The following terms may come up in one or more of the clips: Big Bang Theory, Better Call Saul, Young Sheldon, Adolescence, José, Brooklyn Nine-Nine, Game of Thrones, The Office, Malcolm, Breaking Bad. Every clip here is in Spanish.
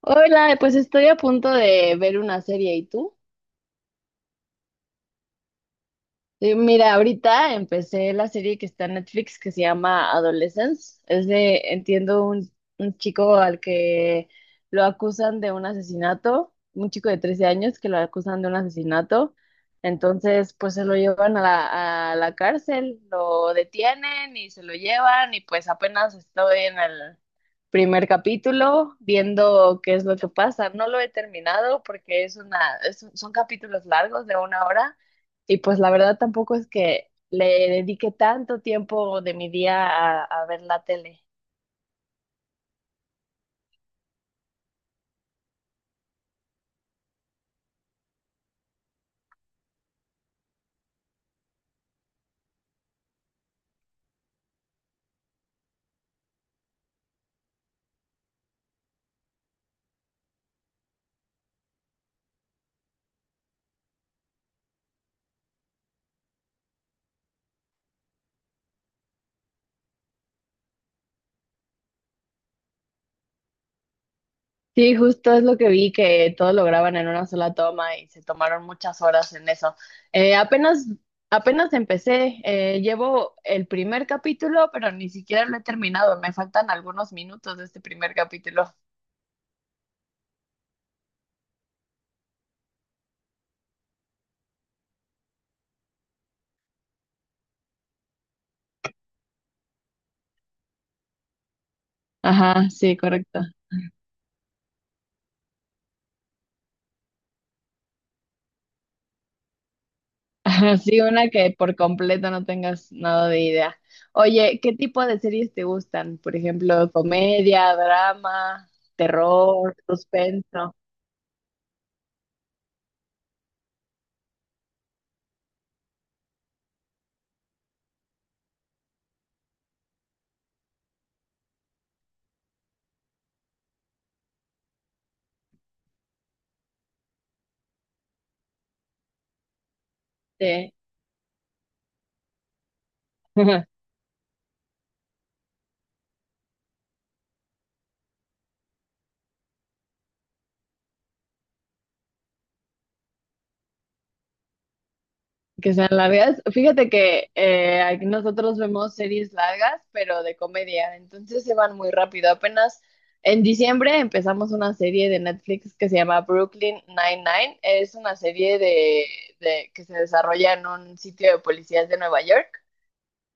Hola, pues estoy a punto de ver una serie. ¿Y tú? Sí, mira, ahorita empecé la serie que está en Netflix que se llama Adolescence. Es de, entiendo, un chico al que lo acusan de un asesinato, un chico de 13 años que lo acusan de un asesinato. Entonces, pues se lo llevan a la cárcel, lo detienen y se lo llevan y pues apenas estoy en el primer capítulo viendo qué es lo que pasa. No lo he terminado porque es una, es un- son capítulos largos de una hora. Y pues la verdad tampoco es que le dedique tanto tiempo de mi día a ver la tele. Sí, justo es lo que vi, que todo lo graban en una sola toma y se tomaron muchas horas en eso. Eh, apenas, apenas empecé, llevo el primer capítulo, pero ni siquiera lo he terminado. Me faltan algunos minutos de este primer capítulo. Ajá, sí, correcto. Ajá, sí, una que por completo no tengas nada de idea. Oye, ¿qué tipo de series te gustan? Por ejemplo, comedia, drama, terror, suspenso. Sí. Que sean largas. Fíjate que aquí nosotros vemos series largas, pero de comedia, entonces se van muy rápido. Apenas en diciembre empezamos una serie de Netflix que se llama Brooklyn Nine-Nine. Es una serie que se desarrolla en un sitio de policías de Nueva York.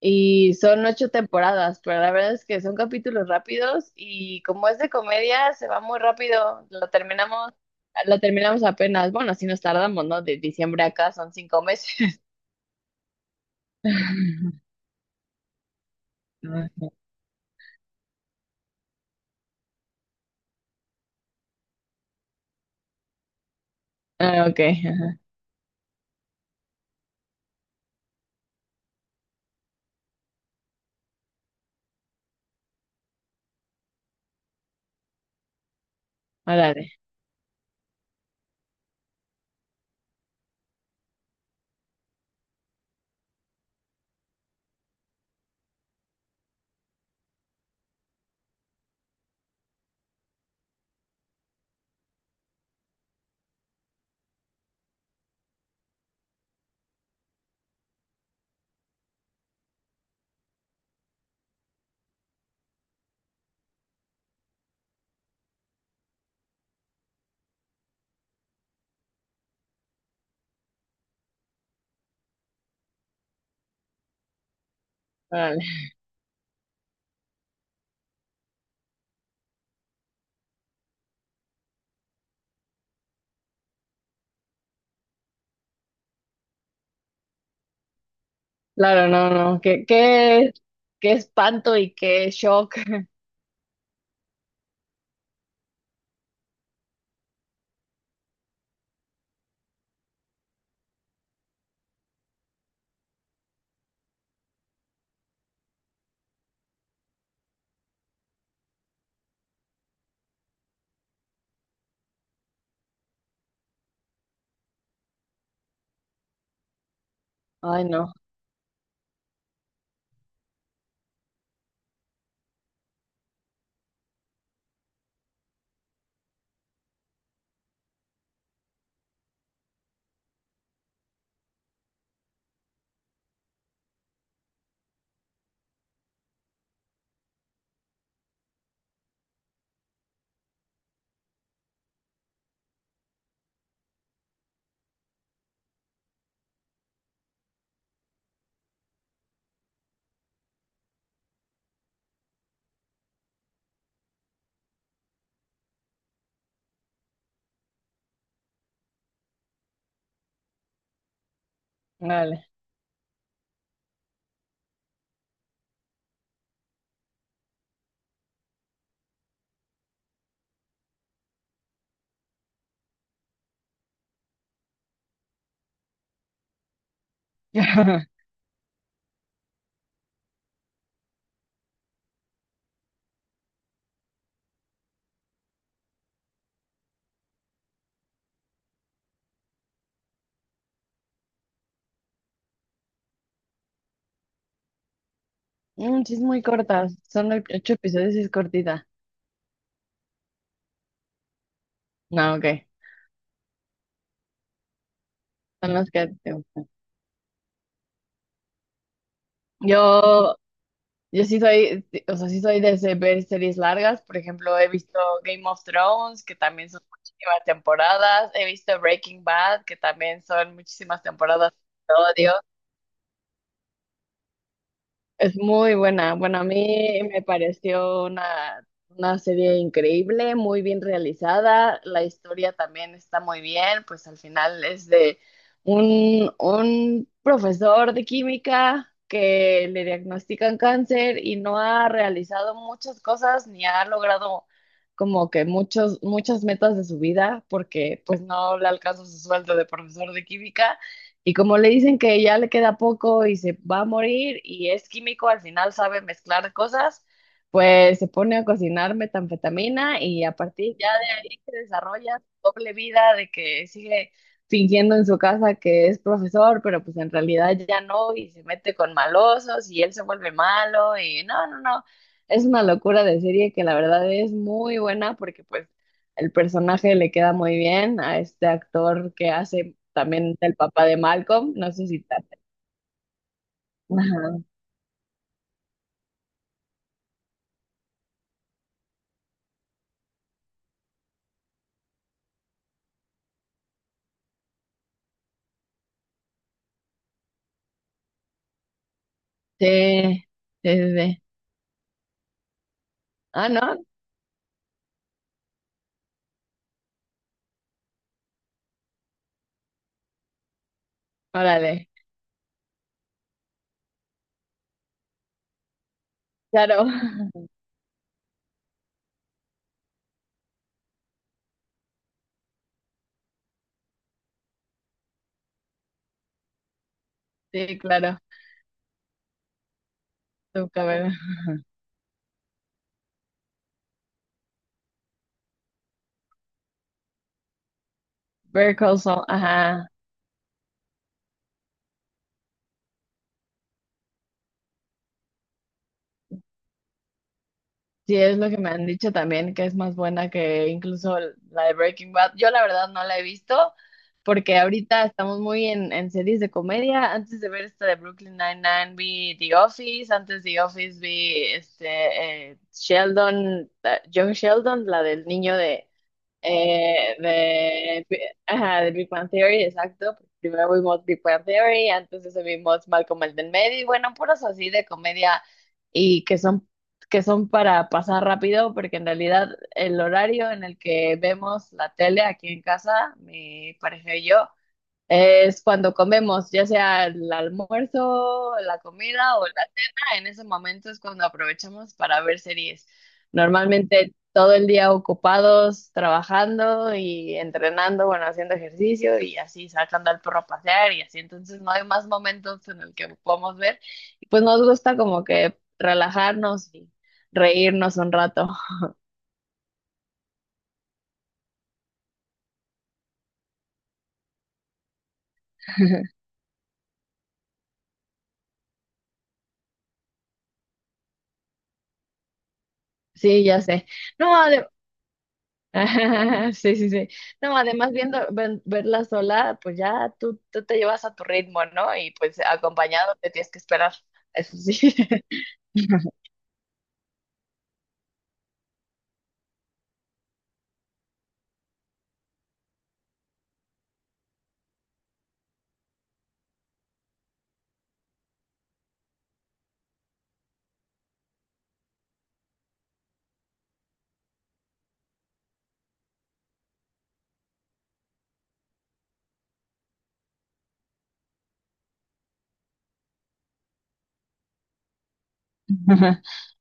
Y son ocho temporadas, pero la verdad es que son capítulos rápidos y como es de comedia, se va muy rápido. Lo terminamos apenas. Bueno, así nos tardamos, ¿no? De diciembre acá son 5 meses. Ah, ok, ajá. Órale, órale. Claro, no, no. Qué espanto y qué shock. Ay, no, órale. Mm, sí, es muy corta. Son ocho episodios y es cortita. No, ok. Son los que te gustan. Yo. Yo sí soy, o sea, sí soy de ver series largas. Por ejemplo, he visto Game of Thrones, que también son muchísimas temporadas. He visto Breaking Bad, que también son muchísimas temporadas. Lo odio. Es muy buena. Bueno, a mí me pareció una serie increíble, muy bien realizada. La historia también está muy bien, pues al final es de un profesor de química que le diagnostican cáncer y no ha realizado muchas cosas ni ha logrado como que muchos, muchas metas de su vida porque pues no le alcanza su sueldo de profesor de química. Y como le dicen que ya le queda poco y se va a morir y es químico, al final sabe mezclar cosas, pues se pone a cocinar metanfetamina y a partir ya de ahí se desarrolla su doble vida de que sigue fingiendo en su casa que es profesor, pero pues en realidad ya no y se mete con malosos y él se vuelve malo y no, no, no. Es una locura de serie que la verdad es muy buena porque pues el personaje le queda muy bien a este actor que hace también el papá de Malcolm. No sé si te... Ajá. Sí, sí, sí. Sí. Ah, ¿no? Órale. Claro. Sí, claro. Tu cabello. Better Call Saul, ajá. Sí, es lo que me han dicho también, que es más buena que incluso la de Breaking Bad. Yo la verdad no la he visto porque ahorita estamos muy en series de comedia. Antes de ver esta de Brooklyn Nine-Nine vi The Office, antes de The Office vi este, Sheldon, Young Sheldon, la del niño de, eh, de, ajá, de Big Bang Theory, exacto. Primero vimos Big Bang Theory, antes de eso vimos Malcolm el del medio, y bueno, puros así de comedia y que son para pasar rápido, porque en realidad el horario en el que vemos la tele aquí en casa, mi pareja y yo, es cuando comemos, ya sea el almuerzo, la comida o la cena, en ese momento es cuando aprovechamos para ver series. Normalmente todo el día ocupados, trabajando y entrenando, bueno, haciendo ejercicio y así sacando al perro a pasear y así. Entonces no hay más momentos en el que podamos ver. Y pues nos gusta como que relajarnos y reírnos un rato. Sí, ya sé. No, de Sí, sí, sí. No, además viendo verla sola, pues ya tú te llevas a tu ritmo, ¿no? Y pues acompañado te tienes que esperar. Eso sí.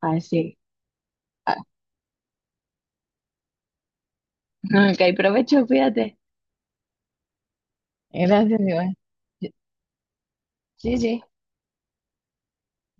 Así. Ah, ok, provecho, fíjate. Gracias, igual. Sí, sí.